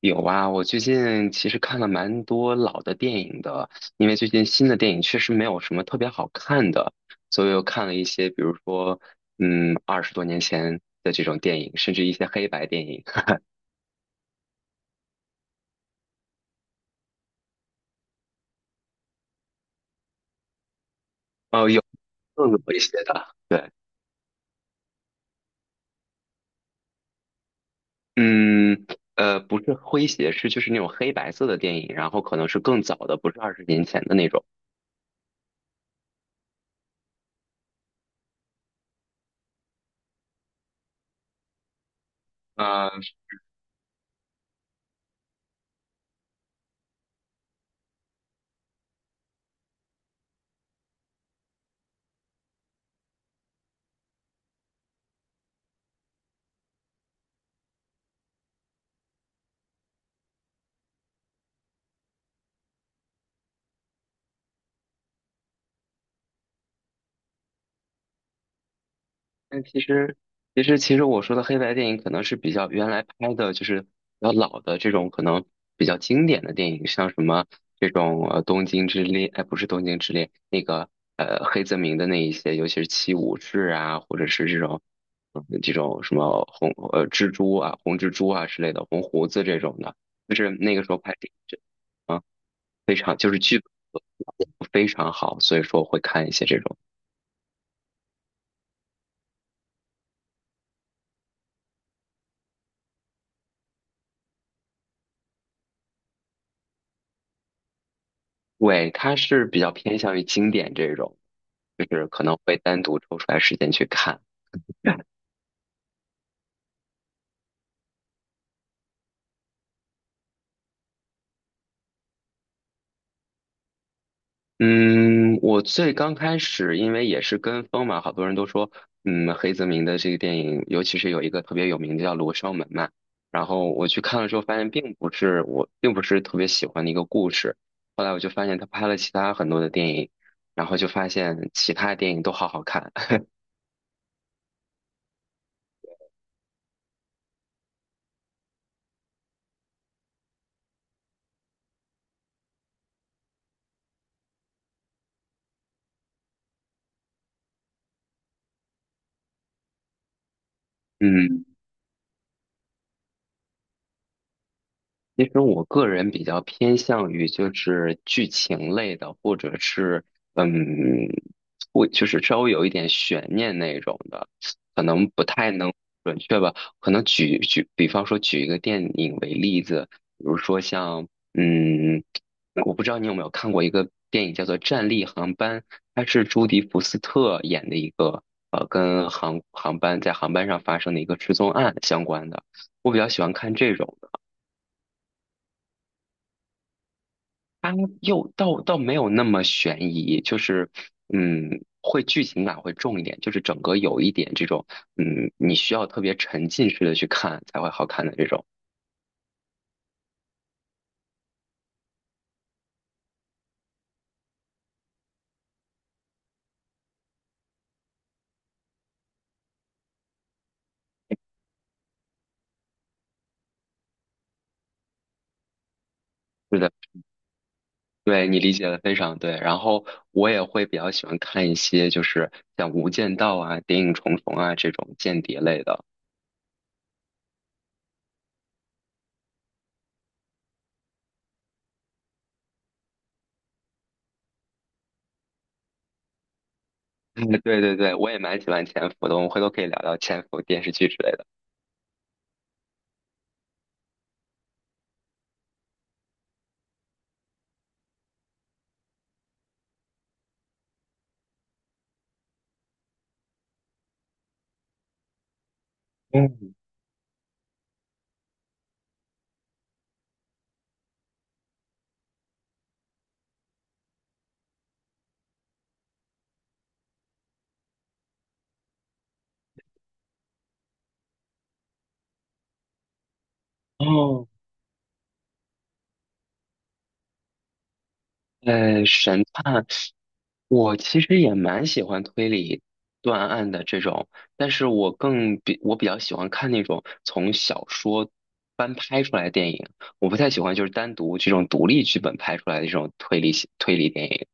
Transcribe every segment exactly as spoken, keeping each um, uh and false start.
有啊，我最近其实看了蛮多老的电影的，因为最近新的电影确实没有什么特别好看的，所以我看了一些，比如说，嗯，二十多年前的这种电影，甚至一些黑白电影，哦，有更有一些的，对，嗯，呃，不是诙谐，是就是那种黑白色的电影，然后可能是更早的，不是二十年前的那种。但其实，其实，其实我说的黑白电影可能是比较原来拍的，就是比较老的这种，可能比较经典的电影，像什么这种呃《东京之恋》，哎，不是《东京之恋》，那个呃黑泽明的那一些，尤其是《七武士》啊，或者是这种嗯这种什么红呃蜘蛛啊、红蜘蛛啊之类的，红胡子这种的，就是那个时候拍的，这啊非常好，所以说会看一些这种。对，它是比较偏向于经典这种，就是可能会单独抽出来时间去看。嗯，我最刚开始，因为也是跟风嘛，好多人都说，嗯，黑泽明的这个电影，尤其是有一个特别有名的叫《罗生门》嘛，然后我去看了之后，发现并不是我并不是特别喜欢的一个故事。后来我就发现他拍了其他很多的电影，然后就发现其他电影都好好看。嗯。其实我个人比较偏向于就是剧情类的，或者是嗯，会就是稍微有一点悬念那种的，可能不太能准确吧。可能举举，比方说举一个电影为例子，比如说像嗯，我不知道你有没有看过一个电影叫做《战栗航班》，它是朱迪福斯特演的一个呃，跟航航班在航班上发生的一个失踪案相关的。我比较喜欢看这种。它又倒倒没有那么悬疑，就是嗯，会剧情感会重一点，就是整个有一点这种嗯，你需要特别沉浸式的去看才会好看的这种。是的，对你理解的非常对。然后我也会比较喜欢看一些就是像《无间道》啊、《谍影重重》啊这种间谍类的 嗯，对对对，我也蛮喜欢潜伏的，我们回头可以聊聊潜伏电视剧之类的。嗯，哦，呃，神探我其实也蛮喜欢推理断案的这种，但是我更比我比较喜欢看那种从小说翻拍出来的电影，我不太喜欢就是单独这种独立剧本拍出来的这种推理推理电影。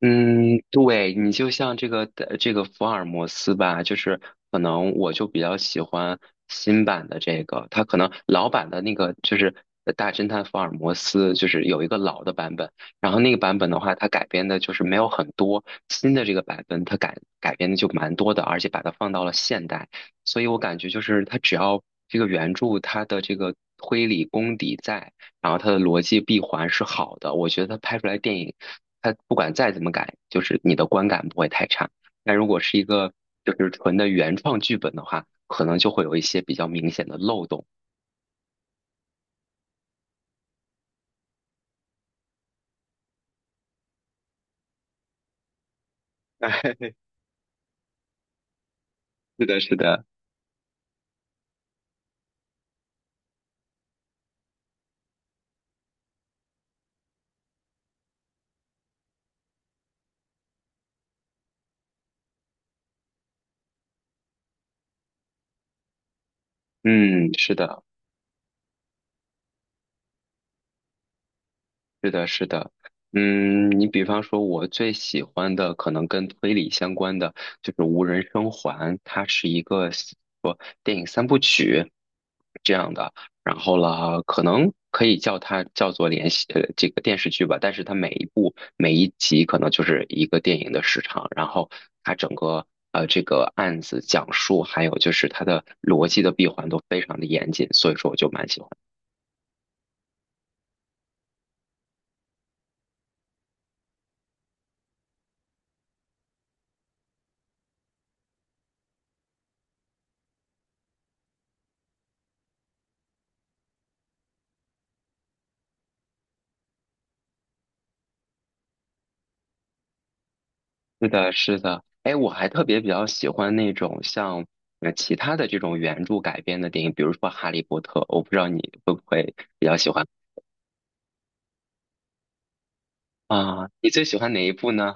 嗯，对，你就像这个呃这个福尔摩斯吧，就是可能我就比较喜欢新版的这个，它可能老版的那个就是呃大侦探福尔摩斯，就是有一个老的版本，然后那个版本的话，它改编的就是没有很多，新的这个版本它改改编的就蛮多的，而且把它放到了现代，所以我感觉就是它只要这个原著它的这个推理功底在。然后它的逻辑闭环是好的，我觉得它拍出来电影，它不管再怎么改，就是你的观感不会太差。但如果是一个就是纯的原创剧本的话，可能就会有一些比较明显的漏洞。哎，是的，是的，嗯，是的，是的，是的，嗯，你比方说，我最喜欢的可能跟推理相关的就是《无人生还》，它是一个说电影三部曲这样的，然后啦，可能可以叫它叫做连续呃这个电视剧吧，但是它每一部每一集可能就是一个电影的时长，然后它整个呃这个案子讲述，还有就是它的逻辑的闭环都非常的严谨，所以说我就蛮喜欢。是的，是的，哎，我还特别比较喜欢那种像呃其他的这种原著改编的电影，比如说《哈利波特》，我不知道你会不会比较喜欢啊？你最喜欢哪一部呢？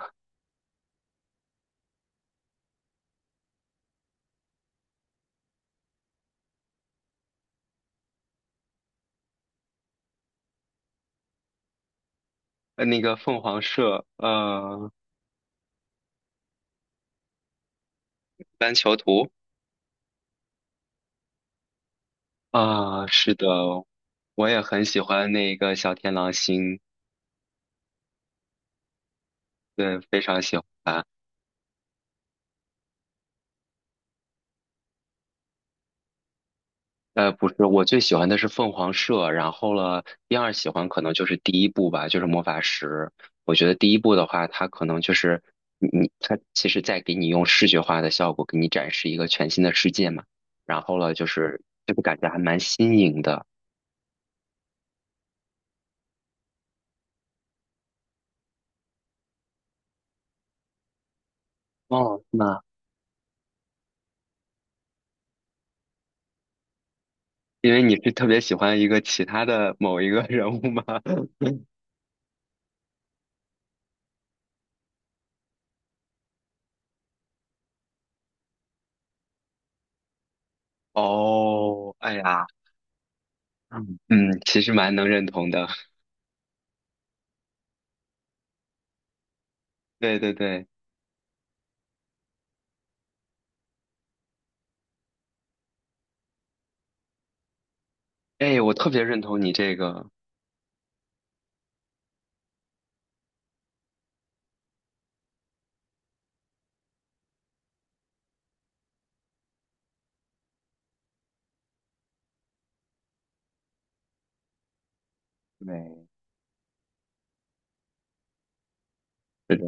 呃，那个凤凰社，呃，班囚徒啊，是的，我也很喜欢那个小天狼星，对，非常喜欢。呃，不是，我最喜欢的是凤凰社，然后了，第二喜欢可能就是第一部吧，就是魔法石。我觉得第一部的话，它可能就是你，你它其实在给你用视觉化的效果给你展示一个全新的世界嘛。然后了，就是这个感觉还蛮新颖的。哦，那因为你是特别喜欢一个其他的某一个人物吗？哦，哎呀，嗯，嗯其实蛮能认认同同的。的。对对对，对，哎，我特别认同你这个，对是的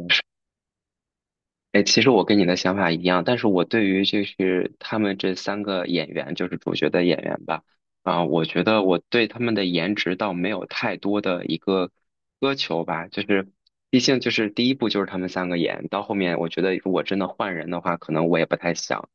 哎，其实我跟你的想法一样，但是我对于就是他们这三个演员，就是主角的演员吧，啊、我觉得我对他们的颜值倒没有太多的一个苛求吧，就是毕竟就是第一部就是他们三个演，到后面我觉得如果真的换人的话，可能我也不太想，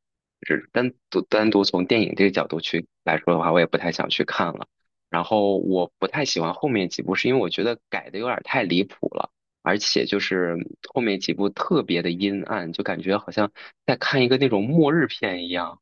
就是单独单独从电影这个角度去来说的话，我也不太想去看了。然后我不太喜欢后面几部，是因为我觉得改的有点太离谱了。而且就是后面几部特别的阴暗，就感觉好像在看一个那种末日片一样。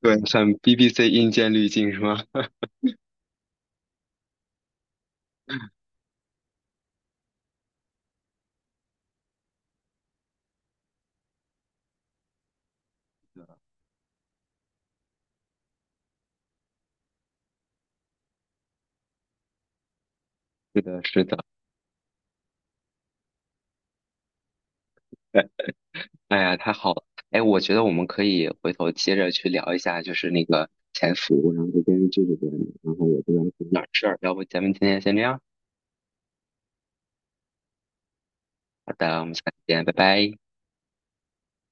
对，像 B B C 阴间滤镜是吗？是的，是的。哎呀，太好了！哎，我觉得我们可以回头接着去聊一下，就是那个潜伏，然后这边这边，然后我这边有点事儿，要不咱们今天先这样？好的，我们下次见，拜拜。